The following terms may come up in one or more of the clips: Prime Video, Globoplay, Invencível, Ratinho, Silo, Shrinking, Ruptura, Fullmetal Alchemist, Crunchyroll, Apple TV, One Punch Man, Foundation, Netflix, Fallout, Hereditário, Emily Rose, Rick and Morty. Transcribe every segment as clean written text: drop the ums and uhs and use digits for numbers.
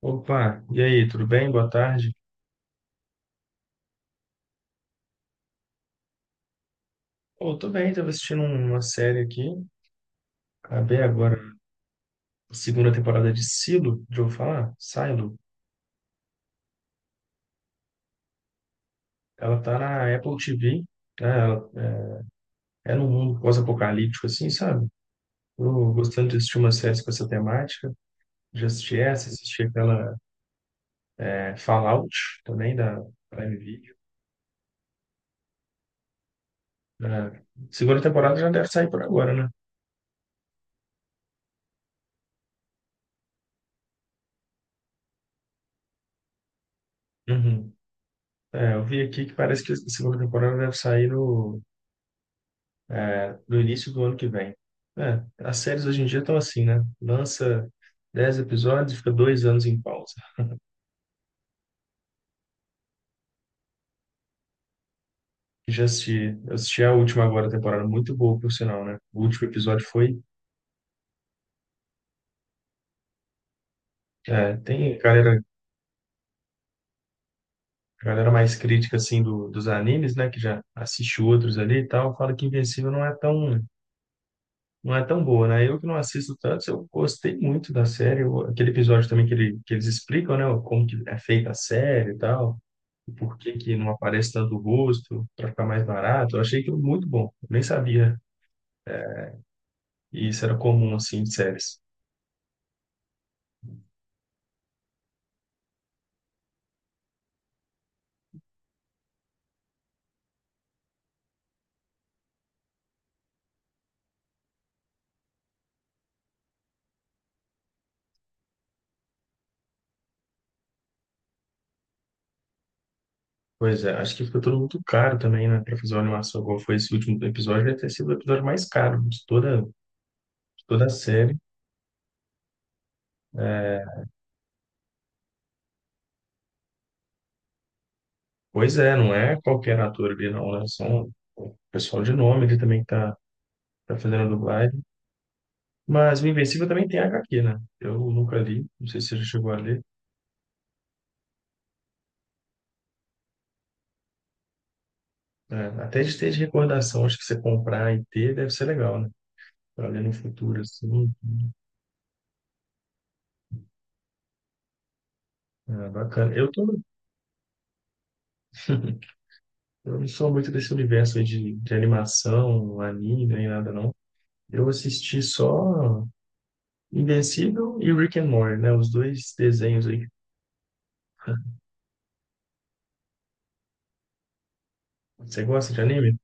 Opa, e aí, tudo bem? Boa tarde. Pô, tô bem, tava assistindo uma série aqui. Acabei agora a segunda temporada de Silo, de eu falar? Silo. Ela tá na Apple TV, né? Ela é num mundo pós-apocalíptico, assim, sabe? Tô gostando de assistir umas séries com essa temática. Já assisti essa, assisti aquela, Fallout também, da Prime Video. É, segunda temporada já deve sair por agora, né? Uhum. É, eu vi aqui que parece que a segunda temporada deve sair no É, do início do ano que vem. É, as séries hoje em dia estão assim, né? Lança 10 episódios e fica 2 anos em pausa. Já assisti, eu assisti a última agora, a temporada muito boa, por sinal, né? O último episódio foi. Tem galera mais crítica, assim, dos animes, né? Que já assiste outros ali e tal, fala que Invencível Não é tão boa, né? Eu que não assisto tanto, eu gostei muito da série. Aquele episódio também que, que eles explicam, né? Como que é feita a série e tal, o porquê que não aparece tanto o rosto, para ficar mais barato. Eu achei aquilo muito bom. Eu nem sabia que isso era comum, assim, de séries. Pois é, acho que ficou tudo muito caro também, né? Para fazer uma animação igual foi esse último episódio, deve ter sido o episódio mais caro de toda a série. É, pois é, não é qualquer ator ali, não, né? São o pessoal de nome ali também que tá fazendo a dublagem. Mas o Invencível também tem H HQ, né? Eu nunca li, não sei se você já chegou a ler. É, até de ter, de recordação, acho que você comprar e ter deve ser legal, né? Para ler no futuro, assim. É, bacana. Eu tô. Eu não sou muito desse universo aí de animação, anime, nem nada, não. Eu assisti só Invencível e Rick and Morty, né? Os dois desenhos aí. Você gosta de anime?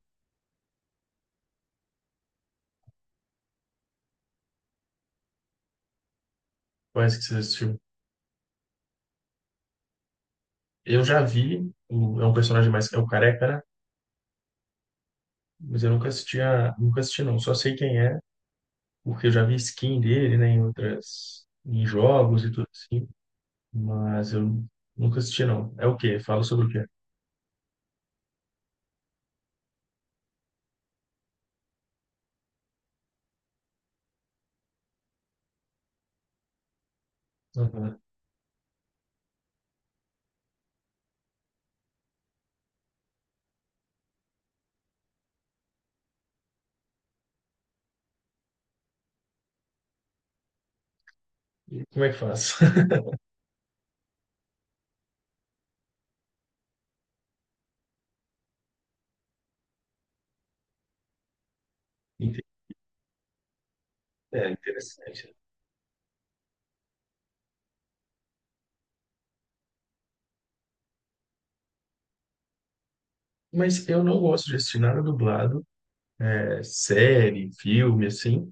Parece que você assistiu. Eu já vi, é um é o Careca, né? Mas eu nunca assisti não. Só sei quem é, porque eu já vi skin dele, né? Em jogos e tudo assim. Mas eu nunca assisti não. É o quê? Fala sobre o quê? E como é que faz? Ente- É interessante. Mas eu não gosto de assistir nada dublado, série, filme, assim,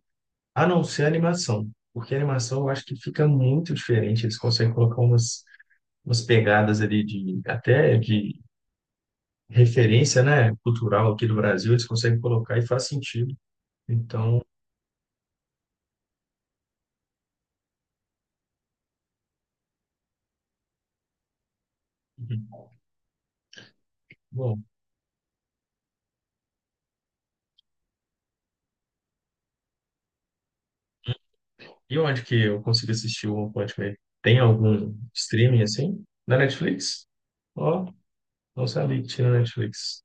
a não ser animação. Porque animação eu acho que fica muito diferente. Eles conseguem colocar umas pegadas ali até de referência, né, cultural aqui do Brasil, eles conseguem colocar e faz sentido. Então, bom. E onde que eu consigo assistir o One Punch Man? Tem algum streaming assim? Na Netflix? Ó, não sabia que tinha na Netflix.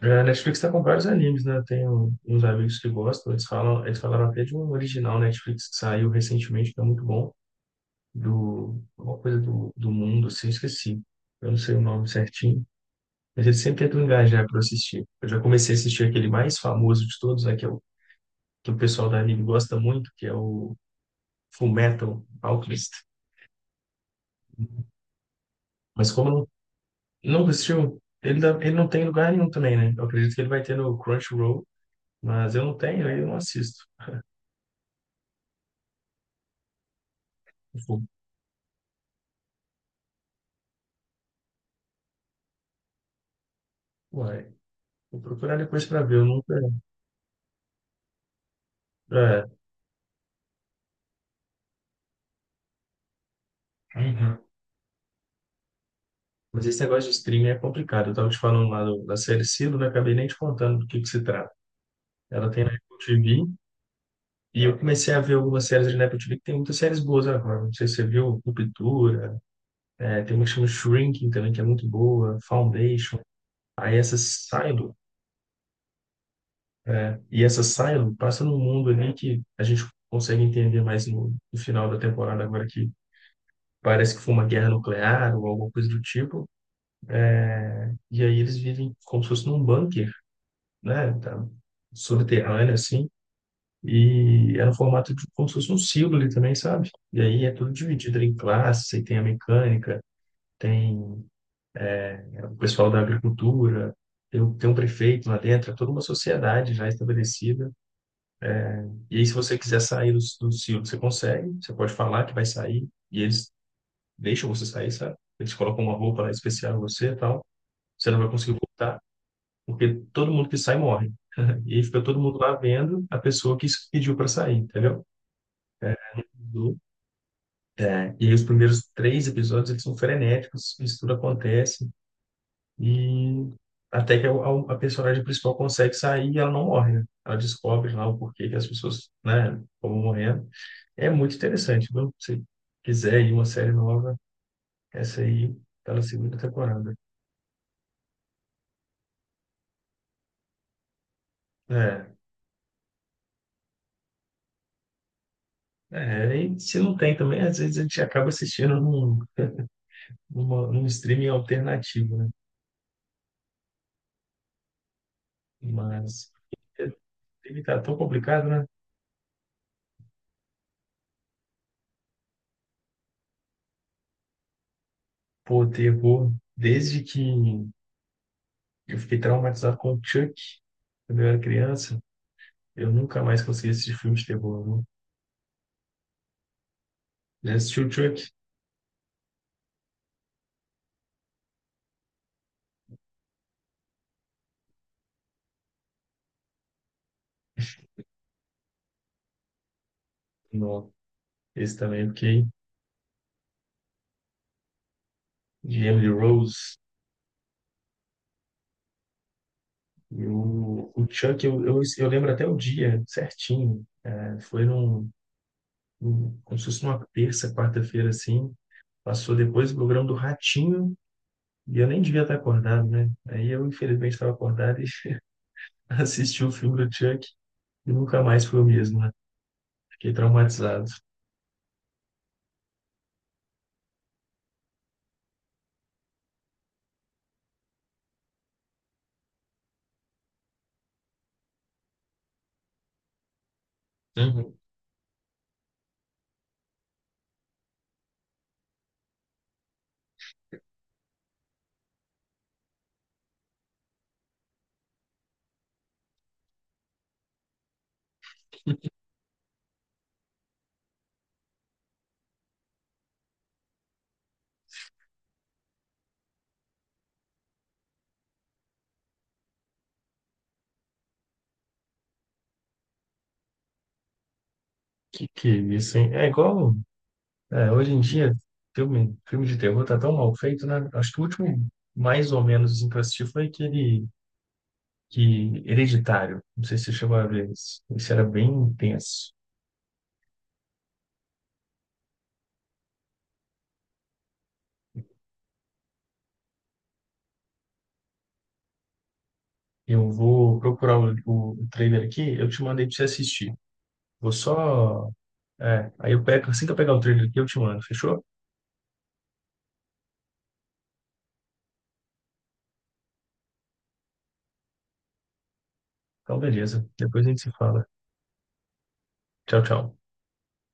É, a Netflix tá com vários animes, né? Tem uns amigos que gostam, eles falaram até de um original Netflix que saiu recentemente, que é muito bom, alguma coisa do mundo, assim, eu esqueci. Eu não sei o nome certinho, mas eles sempre tentam engajar para assistir. Eu já comecei a assistir aquele mais famoso de todos, né? Que o pessoal da anime gosta muito, que é o Fullmetal Alchemist. Mas como não assistiu, ele não tem em lugar nenhum também, né? Eu acredito que ele vai ter no Crunchyroll, mas eu não tenho, aí eu não assisto. Eu falo, ué, vou procurar depois para ver, eu nunca. É. Uhum. Mas esse negócio de streaming é complicado. Eu estava te falando lá da série Silo, né? Acabei nem te contando do que se trata. Ela tem na Apple TV e eu comecei a ver algumas séries ali na Apple TV que tem muitas séries boas agora. Não sei se você viu Ruptura, tem uma que chama Shrinking também, que é muito boa, Foundation. Aí essa Silo, e essa Silo passa num mundo ali que a gente consegue entender mais no final da temporada agora, que parece que foi uma guerra nuclear ou alguma coisa do tipo. E aí eles vivem como se fosse num bunker, né? Tá, subterrâneo, assim. E é no formato de como se fosse um símbolo ali também, sabe? E aí é tudo dividido em classes, aí tem a mecânica, tem, o pessoal da agricultura, tem um prefeito lá dentro, é toda uma sociedade já estabelecida. E aí, se você quiser sair do símbolo, você consegue, você pode falar que vai sair, e eles deixam você sair, sabe? Eles colocam uma roupa lá especial em você e tal. Você não vai conseguir voltar porque todo mundo que sai morre. E aí fica todo mundo lá vendo a pessoa que pediu para sair, entendeu? É, do- e aí os primeiros 3 episódios eles são frenéticos, isso tudo acontece, e até que a personagem principal consegue sair e ela não morre, né? Ela descobre lá o porquê que as pessoas, né, como morrendo. É muito interessante, viu? Se quiser ir uma série nova, essa aí tá na segunda temporada. É, e se não tem também, às vezes a gente acaba num streaming alternativo, né? Mas é, ele tá tão complicado, né? Pô, terror, desde que eu fiquei traumatizado com o Chuck quando eu era criança, eu nunca mais consegui assistir filme de terror, né? Já assisti o Chuck? Não. Esse também eu fiquei, de Emily Rose. E o Chuck, eu lembro até o dia certinho. É, foi como se fosse numa terça, quarta-feira, assim. Passou depois do programa do Ratinho. E eu nem devia estar acordado, né? Aí eu, infelizmente, estava acordado e assisti o filme do Chuck e nunca mais fui o mesmo, né? Fiquei traumatizado. Uhum. Que é isso, hein? É igual, hoje em dia, filme de terror tá tão mal feito, né? Acho que o último, mais ou menos, assim, que eu assisti foi aquele que, Hereditário. Não sei se você chegou a ver esse. Esse era bem intenso. Eu vou procurar o trailer aqui, eu te mandei pra você assistir. Vou só. É, aí eu pego, assim que eu pegar o trailer aqui, eu te mando, fechou? Então, beleza. Depois a gente se fala. Tchau, tchau.